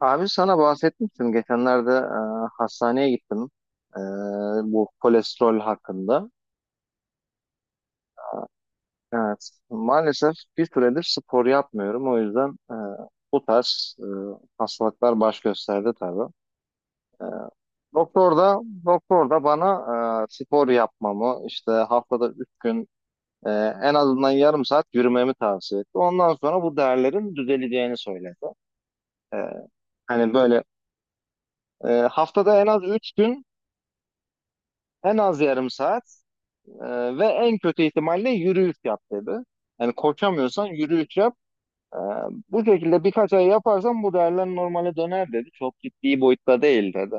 Abi sana bahsetmiştim. Geçenlerde hastaneye gittim. E, Bu kolesterol hakkında. Evet. Maalesef bir süredir spor yapmıyorum. O yüzden bu tarz hastalıklar baş gösterdi tabii. Doktor da doktor da bana spor yapmamı işte haftada üç gün e, en azından yarım saat yürümemi tavsiye etti. Ondan sonra bu değerlerin düzeleceğini söyledi. E, hani böyle haftada en az üç gün en az yarım saat ve en kötü ihtimalle yürüyüş yap dedi. Yani koşamıyorsan yürüyüş yap. Ee, Bu şekilde birkaç ay yaparsan bu değerler normale döner dedi. Çok ciddi boyutta değil dedi.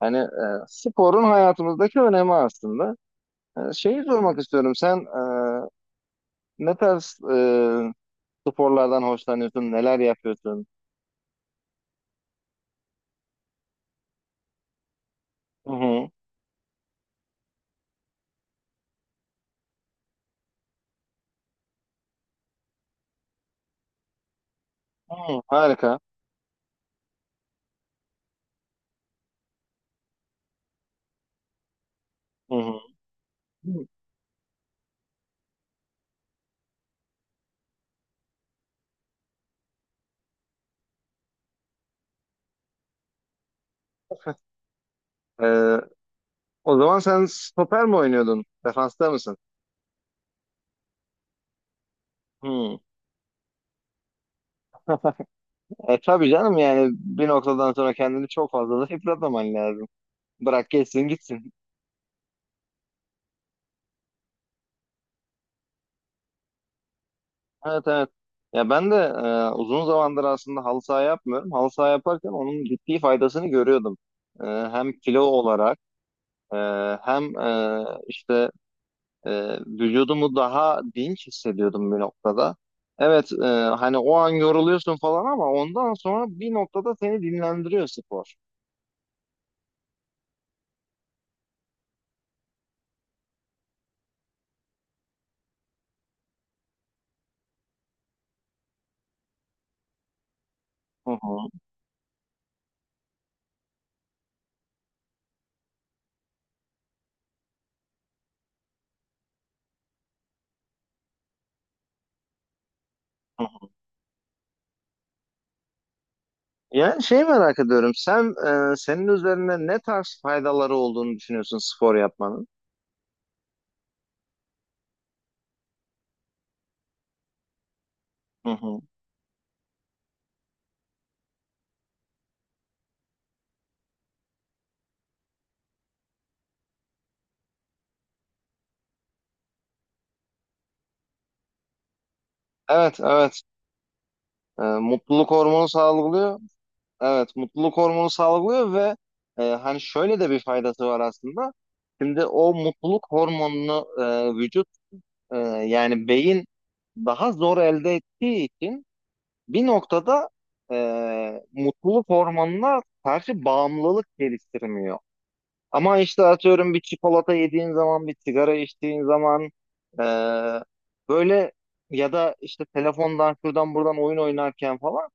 Hani sporun hayatımızdaki önemi aslında. Şeyi sormak istiyorum. Sen ne tarz sporlardan hoşlanıyorsun? Neler yapıyorsun? Hı hı. Hı, harika. Hı hı. Ee, O zaman sen stoper mi oynuyordun? Defansta mısın? Hı. E tabii canım, yani bir noktadan sonra kendini çok fazla da yıpratmaman lazım. Bırak geçsin gitsin. Evet, evet. Ya ben de uzun zamandır aslında halı saha yapmıyorum. Halı saha yaparken onun ciddi faydasını görüyordum. Hem kilo olarak e, hem işte vücudumu daha dinç hissediyordum bir noktada. Evet, hani o an yoruluyorsun falan ama ondan sonra bir noktada seni dinlendiriyor spor. Hı hı. Yani şey merak ediyorum. Sen senin üzerinde ne tarz faydaları olduğunu düşünüyorsun spor yapmanın? Hı hı. Evet, evet. Mutluluk hormonu salgılıyor. Evet, mutluluk hormonu salgılıyor ve hani şöyle de bir faydası var aslında. Şimdi o mutluluk hormonunu vücut, yani beyin daha zor elde ettiği için bir noktada e, mutluluk hormonuna karşı bağımlılık geliştirmiyor. Ama işte atıyorum bir çikolata yediğin zaman, bir sigara içtiğin zaman, e, böyle ya da işte telefondan şuradan buradan oyun oynarken falan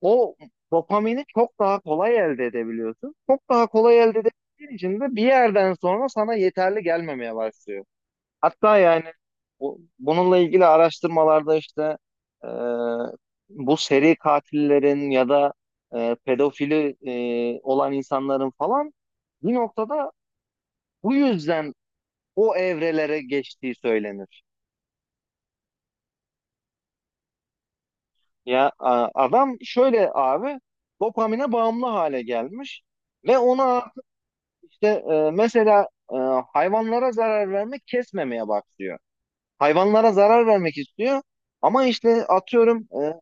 o dopamini çok daha kolay elde edebiliyorsun. Çok daha kolay elde edebildiğin için de bir yerden sonra sana yeterli gelmemeye başlıyor. Hatta yani bununla ilgili araştırmalarda işte e, bu seri katillerin ya da pedofili olan insanların falan bir noktada bu yüzden o evrelere geçtiği söylenir. Ya adam şöyle abi, dopamine bağımlı hale gelmiş ve ona işte, mesela, hayvanlara zarar vermek kesmemeye başlıyor. Hayvanlara zarar vermek istiyor ama işte atıyorum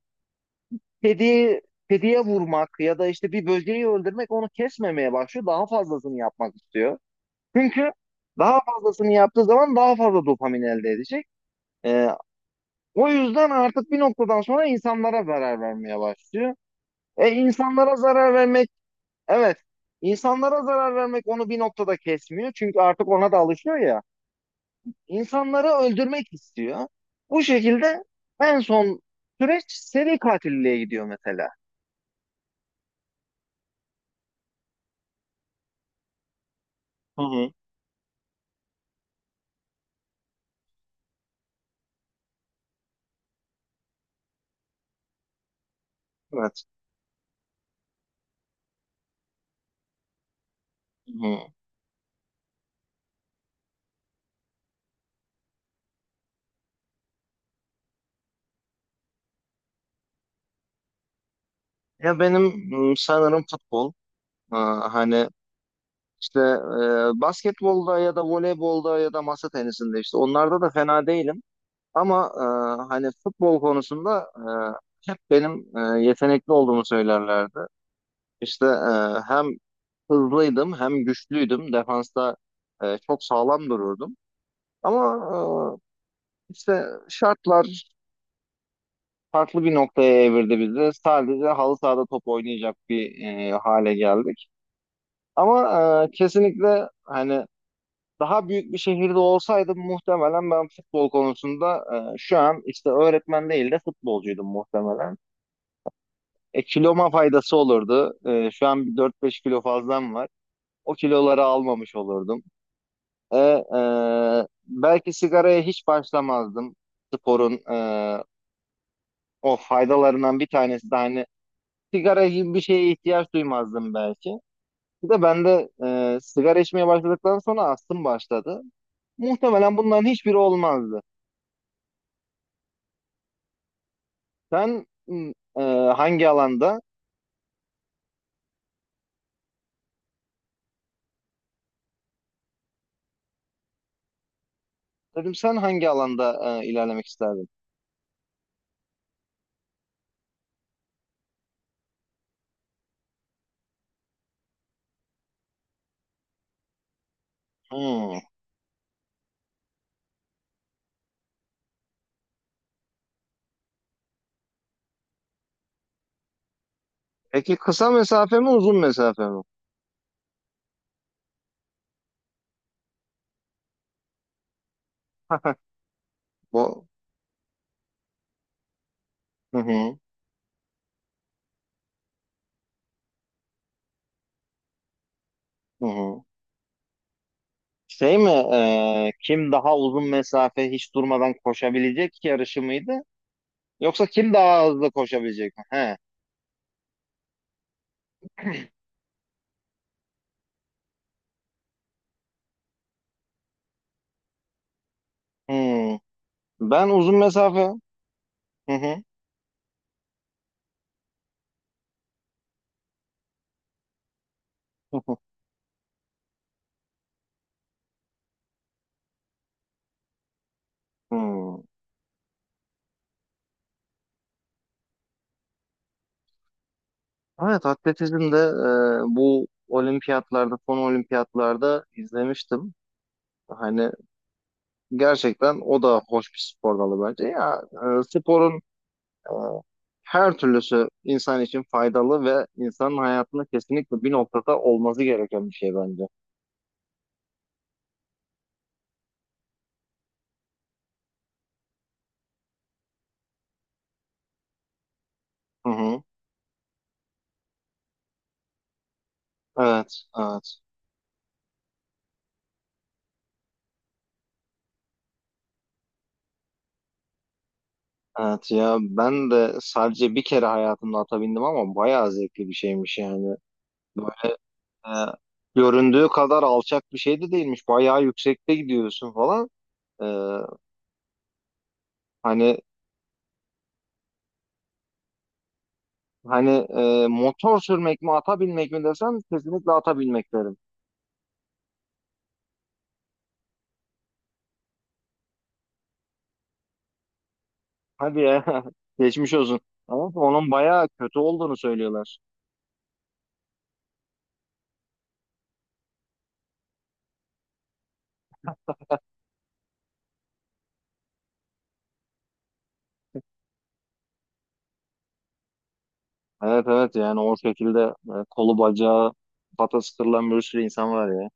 kediyi kediye vurmak ya da işte bir böceği öldürmek onu kesmemeye başlıyor. Daha fazlasını yapmak istiyor. Çünkü daha fazlasını yaptığı zaman daha fazla dopamin elde edecek. E, O yüzden artık bir noktadan sonra insanlara zarar vermeye başlıyor. E insanlara zarar vermek, evet, insanlara zarar vermek onu bir noktada kesmiyor. Çünkü artık ona da alışıyor ya. İnsanları öldürmek istiyor. Bu şekilde en son süreç seri katilliliğe gidiyor mesela. Hı hı. Evet. Hı hı. Ya benim, sanırım futbol, aa, hani işte basketbolda ya da voleybolda ya da masa tenisinde işte onlarda da fena değilim. Ama hani futbol konusunda hep benim yetenekli olduğumu söylerlerdi. İşte hem hızlıydım hem güçlüydüm. Defansta çok sağlam dururdum. Ama işte şartlar farklı bir noktaya evirdi bizi. Sadece halı sahada top oynayacak bir hale geldik. Ama kesinlikle, hani daha büyük bir şehirde olsaydım muhtemelen ben futbol konusunda, şu an işte öğretmen değil de futbolcuydum muhtemelen. Kiloma faydası olurdu. Şu an bir 4-5 kilo fazlam var. O kiloları almamış olurdum. Belki sigaraya hiç başlamazdım. Sporun o faydalarından bir tanesi de hani sigara gibi bir şeye ihtiyaç duymazdım belki. Bir de bende sigara içmeye başladıktan sonra astım başladı. Muhtemelen bunların hiçbiri olmazdı. Sen hangi alanda? Dedim sen hangi alanda ilerlemek isterdin? Hmm. Peki kısa mesafe mi uzun mesafe mi? Bu hı hı, hı hı. Şey mi, kim daha uzun mesafe hiç durmadan koşabilecek yarışı mıydı? Yoksa kim daha hızlı koşabilecek mi? He. Hmm. Ben uzun mesafe. Hı hı. Hmm. Evet, atletizmde bu olimpiyatlarda, son olimpiyatlarda izlemiştim. Hani gerçekten o da hoş bir spor dalı bence. Ya sporun, Ee, her türlüsü insan için faydalı ve insanın hayatında kesinlikle bir noktada olması gereken bir şey bence. Hı hı. Evet, evet. Evet, ya ben de sadece bir kere hayatımda ata bindim ama bayağı zevkli bir şeymiş yani. Böyle e, göründüğü kadar alçak bir şey de değilmiş. Bayağı yüksekte gidiyorsun falan. E, hani hani motor sürmek mi ata binmek mi desem kesinlikle ata binmek derim. Hadi ya geçmiş olsun. Ama onun bayağı kötü olduğunu söylüyorlar. Evet, evet, yani o şekilde kolu bacağı patası kırılan bir sürü insan var ya.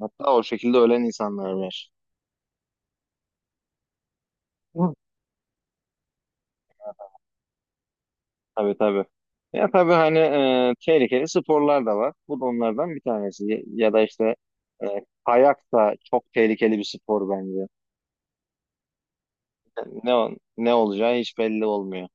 Hatta o şekilde ölen insanlar var. Hı. Tabii, tabii. Ya tabii hani tehlikeli sporlar da var. Bu da onlardan bir tanesi. Ya, ya da işte kayak da çok tehlikeli bir spor bence. Ne, ne olacağı hiç belli olmuyor.